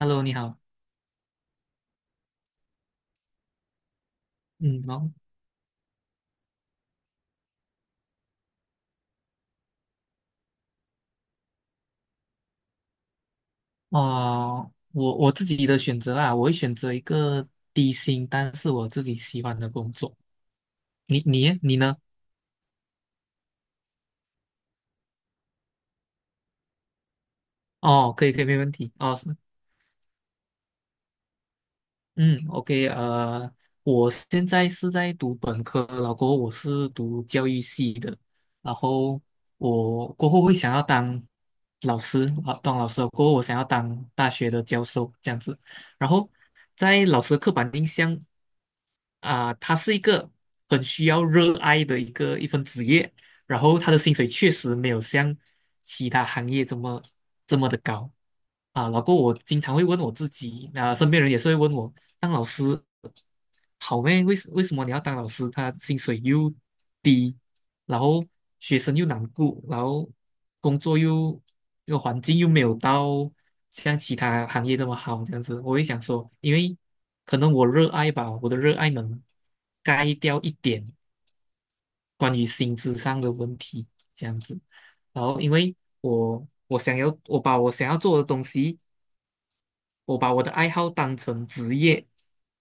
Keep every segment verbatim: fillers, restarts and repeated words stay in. Hello，你好。嗯，好，哦，我我自己的选择啊，我会选择一个低薪，但是我自己喜欢的工作。你你耶你呢？哦，可以可以，没问题。哦，是，嗯，OK，呃，我现在是在读本科，然后过后我是读教育系的，然后我过后会想要当老师啊，当老师过后我想要当大学的教授这样子，然后在老师的刻板印象。啊、他是一个很需要热爱的一个一份职业，然后他的薪水确实没有像其他行业这么这么的高啊。老郭，我经常会问我自己，啊、身边人也是会问我，当老师好咩？为什为什么你要当老师？他薪水又低，然后学生又难顾，然后工作又这个环境又没有到像其他行业这么好，这样子，我会想说，因为。可能我热爱吧，我的热爱能盖掉一点关于薪资上的问题，这样子。然后，因为我我想要，我把我想要做的东西，我把我的爱好当成职业，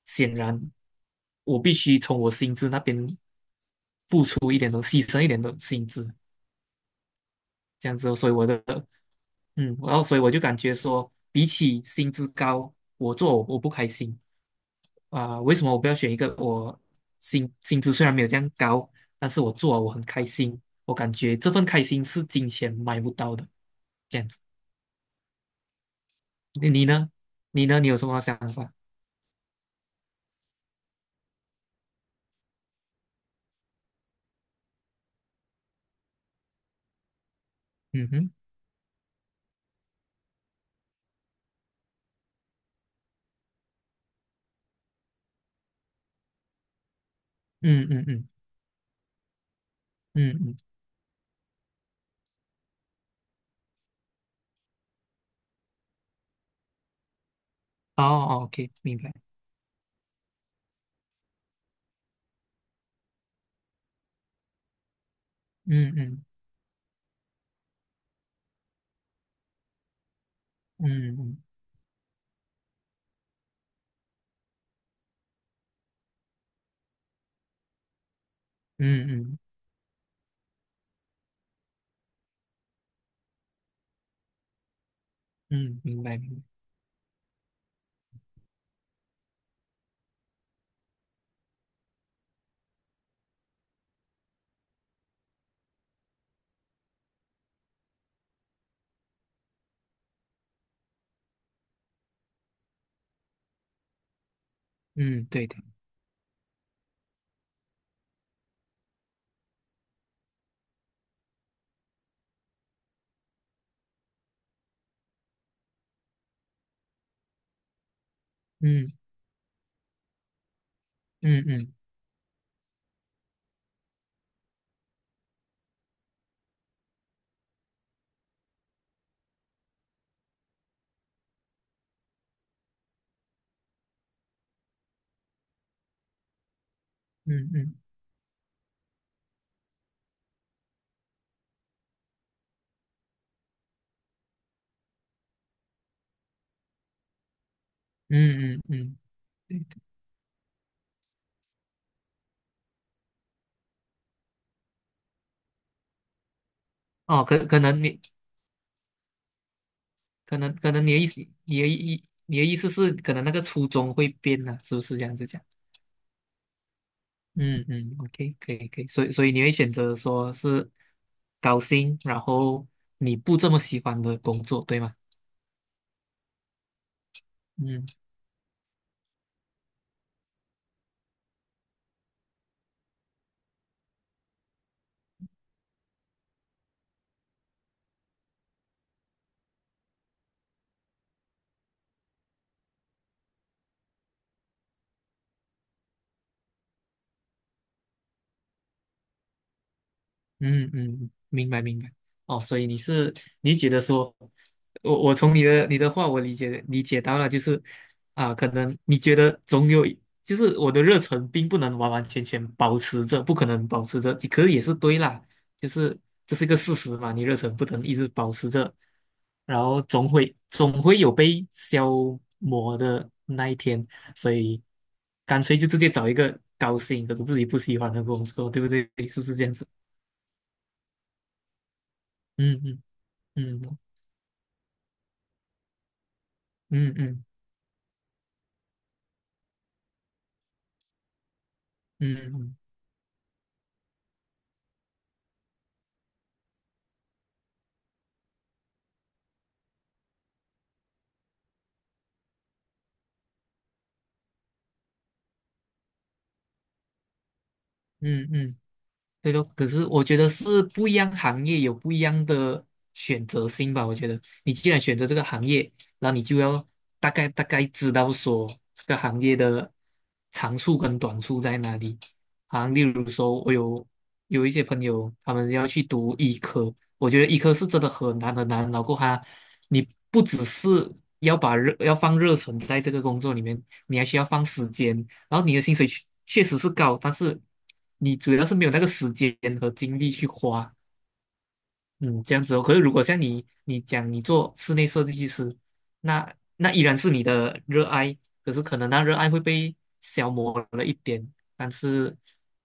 显然我必须从我薪资那边出一点东西，牺牲一点的薪资，这样子哦所以我的，嗯，然后所以我就感觉说，比起薪资高，我做我不开心。啊、为什么我不要选一个我薪薪资虽然没有这样高，但是我做了我很开心，我感觉这份开心是金钱买不到的。这样子，你你呢？你呢？你有什么想法？嗯哼，嗯嗯嗯嗯嗯，哦哦，OK，明白。嗯嗯嗯嗯嗯嗯嗯，明白明白。嗯，对的。嗯嗯嗯嗯嗯嗯嗯嗯，对的。哦，可可能你可能可能你的意思，你的意你的意思是可能那个初衷会变呢、是不是这样子讲？嗯嗯，OK，可以可以，所以所以你会选择说是高薪，然后你不这么喜欢的工作，对吗？嗯。嗯嗯，明白明白。哦，所以你是你觉得说，我我从你的你的话我理解理解到了，就是啊，可能你觉得总有一就是我的热忱并不能完完全全保持着，不可能保持着，可是也是对啦，就是这是一个事实嘛，你热忱不能一直保持着，然后总会总会有被消磨的那一天，所以干脆就直接找一个高薪可是自己不喜欢的工作，对不对？是不是这样子？嗯嗯。嗯嗯嗯嗯嗯嗯，嗯，对说，可是我觉得是不一样行业有不一样的选择性吧。我觉得你既然选择这个行业，然后你就要大概大概知道说这个行业的长处跟短处在哪里。啊，例如说，我有有一些朋友他们要去读医科，我觉得医科是真的很难很难。然后他，你不只是要把热要放热忱在这个工作里面，你还需要放时间，然后你的薪水确确实是高，但是你主要是没有那个时间和精力去花，嗯，这样子哦。可是如果像你，你讲你做室内设计师，那那依然是你的热爱，可是可能那热爱会被消磨了一点，但是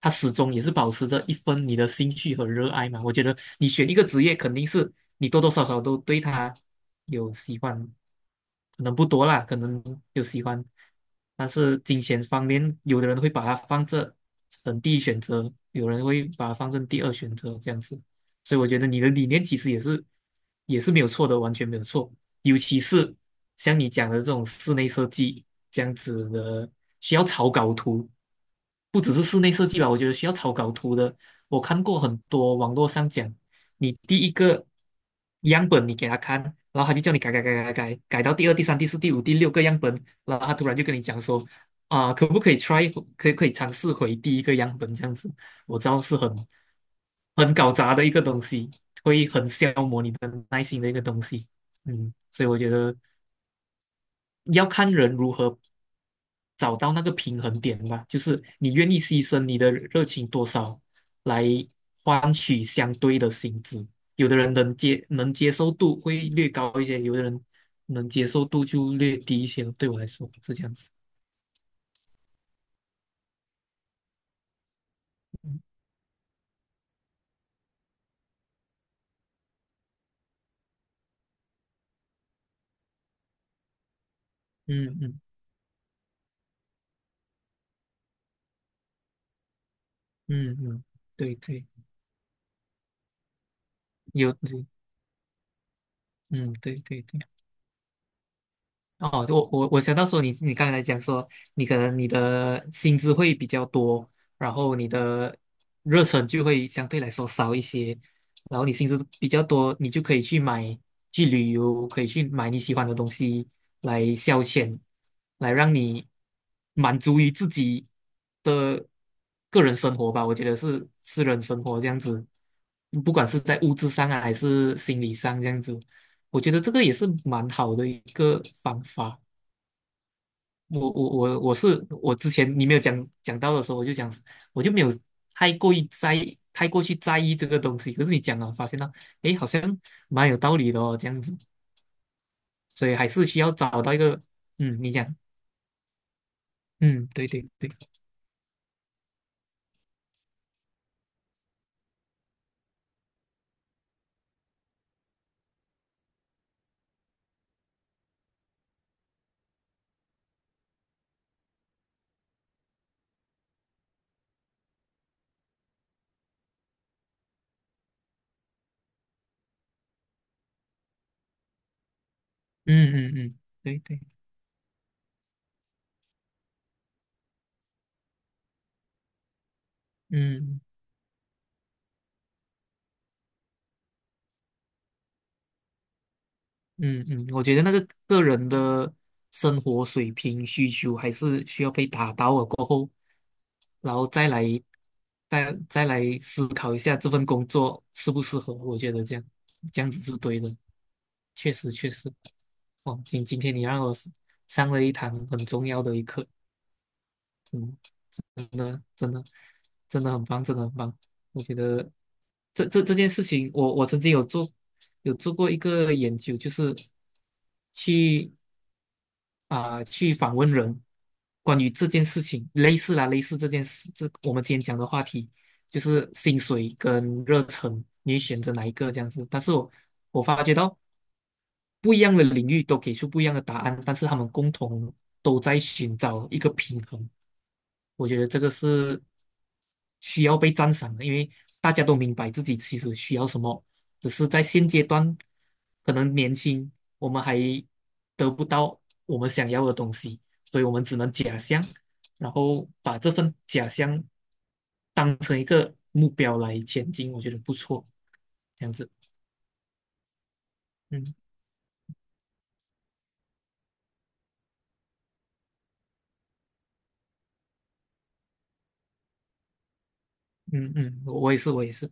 它始终也是保持着一份你的兴趣和热爱嘛。我觉得你选一个职业，肯定是你多多少少都对它有喜欢，可能不多啦，可能有喜欢，但是金钱方面，有的人会把它放这成第一选择，有人会把它放成第二选择，这样子。所以我觉得你的理念其实也是也是没有错的，完全没有错。尤其是像你讲的这种室内设计这样子的，需要草稿图，不只是室内设计吧，我觉得需要草稿图的，我看过很多网络上讲，你第一个样本你给他看，然后他就叫你改改改改改，改到第二、第三、第四、第五、第六个样本，然后他突然就跟你讲说。啊，可不可以 try 回可以可以尝试回第一个样本这样子？我知道是很很搞砸的一个东西，会很消磨你的耐心的一个东西。嗯，所以我觉得要看人如何找到那个平衡点吧，就是你愿意牺牲你的热情多少来换取相对的薪资。有的人能接能接受度会略高一些，有的人能接受度就略低一些。对我来说是这样子。嗯嗯嗯嗯，对对，有对嗯对对对。哦，我我我想到说你你刚才讲说你可能你的薪资会比较多，然后你的热忱就会相对来说少一些，然后你薪资比较多，你就可以去买去旅游，可以去买你喜欢的东西来消遣，来让你满足于自己的个人生活吧。我觉得是私人生活这样子，不管是在物质上啊还是心理上这样子。我觉得这个也是蛮好的一个方法。我我我我是我之前你没有讲讲到的时候，我就讲我就没有太过于在意太过去在意这个东西。可是你讲了，发现到诶，好像蛮有道理的哦，这样子。所以还是需要找到一个嗯，你讲嗯，对对对，嗯嗯嗯，对对，嗯。嗯嗯，我觉得那个个人的生活水平需求还是需要被达到了过后，然后再来再再来思考一下这份工作适不适合。我觉得这样这样子是对的，确实确实。哦，今今天你让我上了一堂很重要的一课。嗯。真的，真的，真的很棒，真的很棒。我觉得这这这件事情，我我曾经有做有做过一个研究，就是去啊、去访问人关于这件事情，类似啦，类似这件事，这我们今天讲的话题就是薪水跟热忱，你会选择哪一个这样子？但是我我发觉到不一样的领域都给出不一样的答案，但是他们共同都在寻找一个平衡。我觉得这个是需要被赞赏的，因为大家都明白自己其实需要什么，只是在现阶段可能年轻，我们还得不到我们想要的东西，所以我们只能假象，然后把这份假象当成一个目标来前进，我觉得不错，这样子。嗯嗯嗯，我也是，我也是，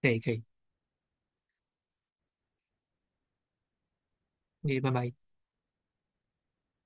可以可以，可以，拜拜。